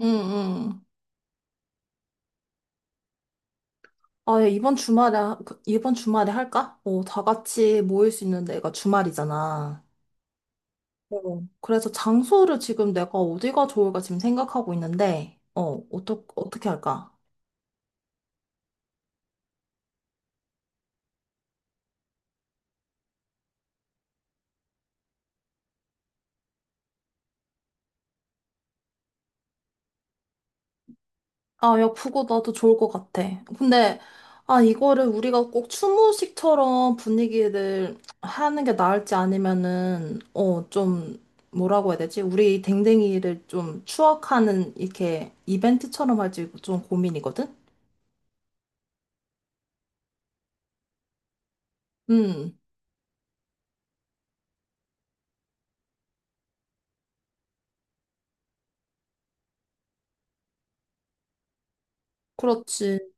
응, 응. 아, 야, 이번 주말에, 이번 주말에 할까? 다 같이 모일 수 있는 데가 주말이잖아. 어, 그래서 장소를 지금 내가 어디가 좋을까 지금 생각하고 있는데, 어떻게 할까? 아, 야, 그거 나도 좋을 것 같아. 근데, 아, 이거를 우리가 꼭 추모식처럼 분위기를 하는 게 나을지 아니면은, 좀, 뭐라고 해야 되지? 우리 댕댕이를 좀 추억하는, 이렇게, 이벤트처럼 할지 좀 고민이거든? 음. 그렇지.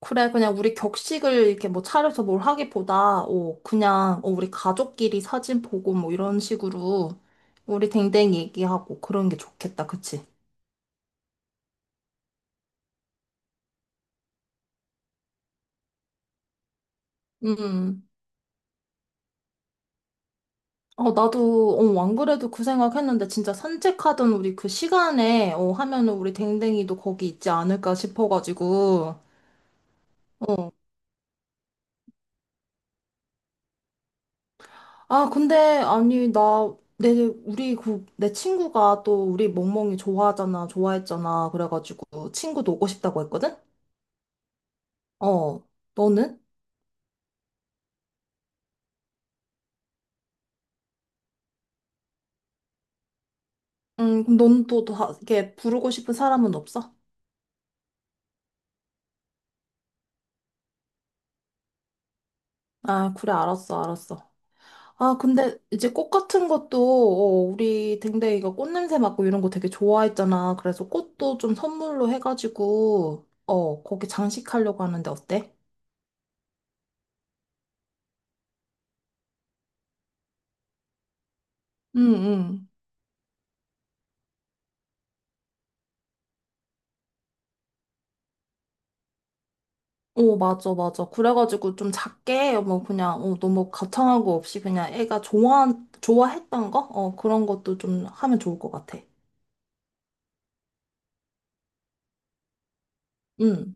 그래, 그냥 우리 격식을 이렇게 뭐 차려서 뭘 하기보다, 그냥, 우리 가족끼리 사진 보고 뭐 이런 식으로 우리 댕댕이 얘기하고 그런 게 좋겠다, 그치? 음. 어, 나도, 안 그래도 그 생각했는데 진짜 산책하던 우리 그 시간에, 하면은 우리 댕댕이도 거기 있지 않을까 싶어가지고. 아, 근데, 아니, 나, 내, 우리 그, 내 친구가 또 우리 멍멍이 좋아하잖아, 좋아했잖아. 그래가지고 친구도 오고 싶다고 했거든? 어, 너는? 그럼 넌 또, 또, 이렇게 부르고 싶은 사람은 없어? 아, 그래, 알았어, 알았어. 아, 근데 이제 꽃 같은 것도, 우리 댕댕이가 꽃 냄새 맡고 이런 거 되게 좋아했잖아. 그래서 꽃도 좀 선물로 해가지고, 거기 장식하려고 하는데 어때? 응, 응. 오, 맞아, 맞아. 그래가지고 좀 작게, 뭐, 그냥, 너무 거창하고 없이 그냥 애가 좋아, 좋아했던 거? 그런 것도 좀 하면 좋을 것 같아. 응.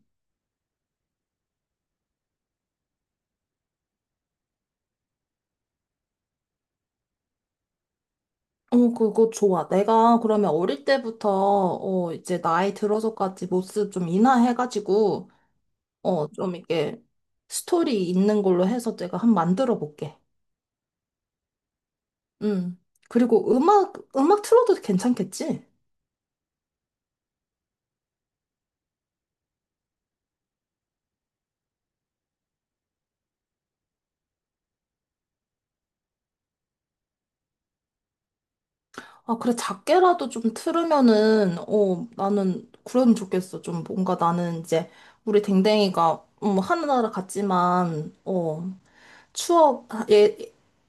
어, 그거 좋아. 내가 그러면 어릴 때부터, 이제 나이 들어서까지 모습 좀 인하해가지고, 좀 이렇게 스토리 있는 걸로 해서 내가 한 만들어 볼게. 음. 그리고 음악, 음악 틀어도 괜찮겠지? 아, 그래, 작게라도 좀 틀으면은, 나는 그러면 좋겠어. 좀 뭔가 나는 이제 우리 댕댕이가, 하늘나라 같지만, 추억, 아, 예,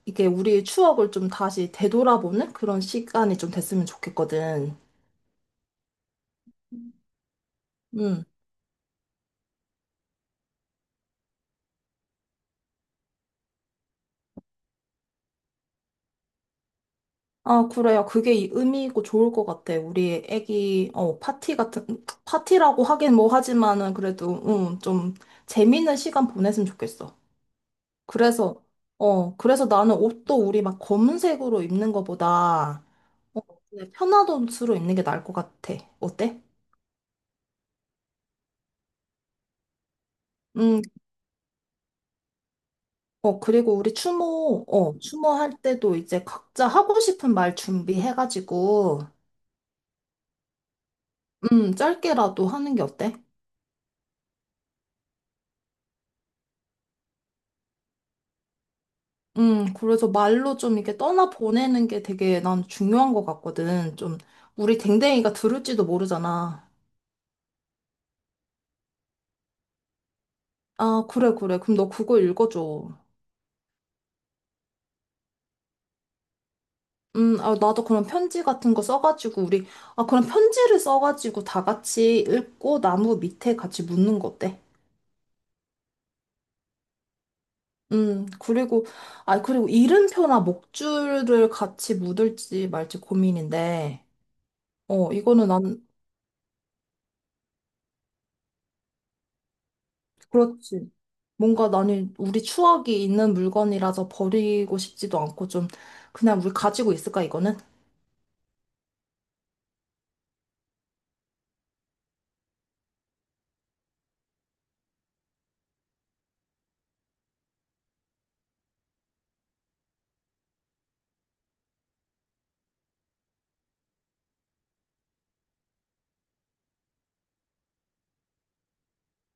이게 우리의 추억을 좀 다시 되돌아보는 그런 시간이 좀 됐으면 좋겠거든. 음. 아, 그래요. 그게 의미 있고 좋을 것 같아. 우리 애기, 파티 같은, 파티라고 하긴 뭐 하지만은 그래도, 좀 재밌는 시간 보냈으면 좋겠어. 그래서, 그래서 나는 옷도 우리 막 검은색으로 입는 거보다, 어, 그냥 편한 옷으로 입는 게 나을 것 같아. 어때? 음. 어, 그리고 우리 추모, 추모할 때도 이제 각자 하고 싶은 말 준비해가지고, 짧게라도 하는 게 어때? 그래서 말로 좀 이렇게 떠나보내는 게 되게 난 중요한 것 같거든. 좀, 우리 댕댕이가 들을지도 모르잖아. 아, 그래, 그래. 그럼 너 그거 읽어줘. 아, 나도 그런 편지 같은 거 써가지고, 우리, 아, 그런 편지를 써가지고 다 같이 읽고 나무 밑에 같이 묻는 거 어때? 그리고, 아, 그리고 이름표나 목줄을 같이 묻을지 말지 고민인데, 이거는 난, 그렇지. 뭔가 나는 우리 추억이 있는 물건이라서 버리고 싶지도 않고 좀, 그냥 우리 가지고 있을까, 이거는?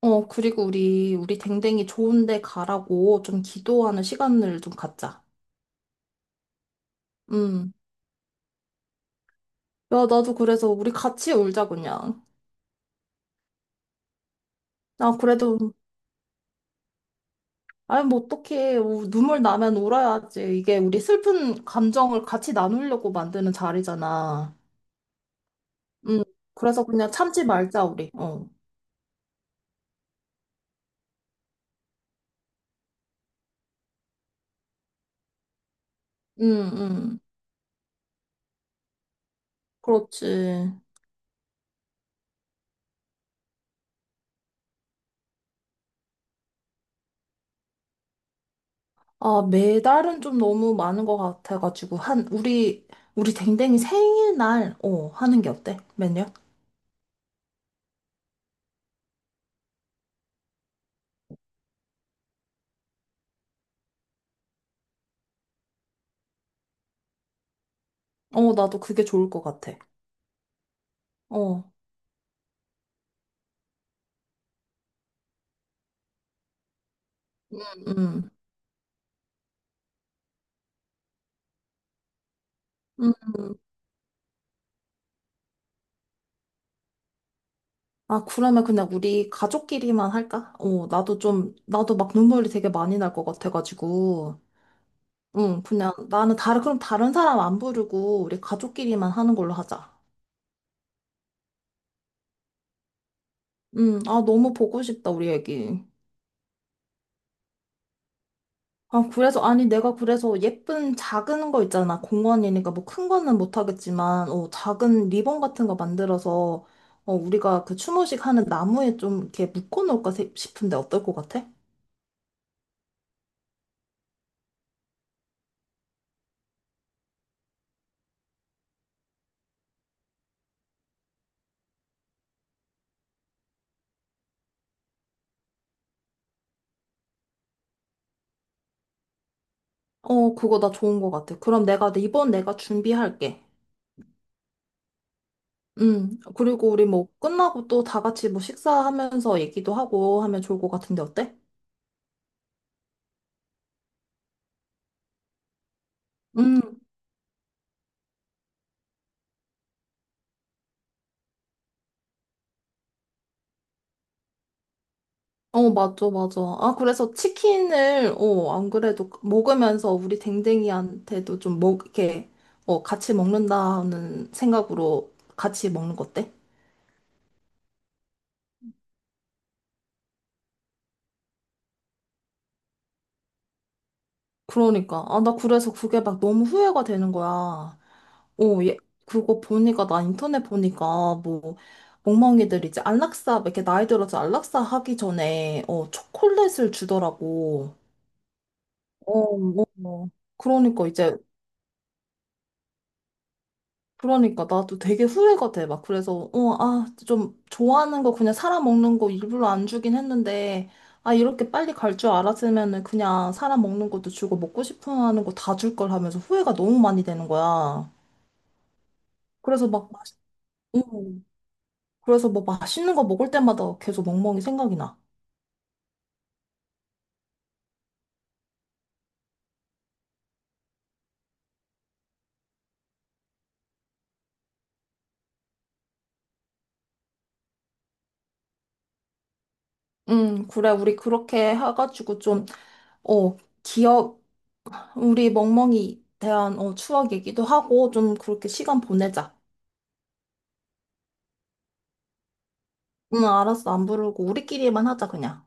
어, 그리고 우리 댕댕이 좋은데 가라고 좀 기도하는 시간을 좀 갖자. 음. 야, 나도 그래서 우리 같이 울자, 그냥. 나 그래도 아니, 뭐, 어떡해. 눈물 나면 울어야지. 이게 우리 슬픈 감정을 같이 나누려고 만드는 자리잖아. 음 그래서 그냥 참지 말자, 우리. 어. 응, 응. 그렇지. 아, 매달은 좀 너무 많은 것 같아가지고. 한, 우리, 우리 댕댕이 생일날, 하는 게 어때? 매년? 어, 나도 그게 좋을 것 같아. 어, 음. 음. 아, 그러면 그냥 우리 가족끼리만 할까? 어, 나도 좀, 나도 막 눈물이 되게 많이 날 것 같아가지고. 응, 그냥 나는 다른, 그럼 다른 사람 안 부르고 우리 가족끼리만 하는 걸로 하자. 응, 아, 너무 보고 싶다, 우리 애기. 아, 그래서, 아니, 내가 그래서 예쁜 작은 거 있잖아. 공원이니까 뭐 큰 거는 못 하겠지만, 작은 리본 같은 거 만들어서, 우리가 그 추모식 하는 나무에 좀 이렇게 묶어놓을까 싶은데 어떨 것 같아? 어, 그거 나 좋은 것 같아. 그럼 내가, 이번 내가 준비할게. 응, 그리고 우리 뭐 끝나고 또 다 같이 뭐 식사하면서 얘기도 하고 하면 좋을 것 같은데 어때? 음, 어, 맞아, 맞아. 아, 그래서 치킨을, 안 그래도 먹으면서 우리 댕댕이한테도 좀 먹, 이렇게, 같이 먹는다는 생각으로 같이 먹는 거 어때? 그러니까. 아, 나 그래서 그게 막 너무 후회가 되는 거야. 어, 얘, 그거 보니까, 나 인터넷 보니까, 뭐, 멍멍이들 이제 안락사, 이렇게 나이 들어서 안락사 하기 전에, 초콜릿을 주더라고. 어, 어, 어. 그러니까 이제 그러니까 나도 되게 후회가 돼. 막 그래서 어, 아, 좀 좋아하는 거 그냥 사람 먹는 거 일부러 안 주긴 했는데 아, 이렇게 빨리 갈 줄 알았으면은 그냥 사람 먹는 것도 주고 먹고 싶어 하는 거 다 줄 걸 하면서 후회가 너무 많이 되는 거야. 그래서 막 맛, 음, 그래서 뭐 맛있는 거 먹을 때마다 계속 멍멍이 생각이 나. 그래. 우리 그렇게 해가지고 좀 어, 기억 우리 멍멍이 대한 추억 얘기도 하고 좀 그렇게 시간 보내자. 응, 알았어. 안 부르고 우리끼리만 하자, 그냥.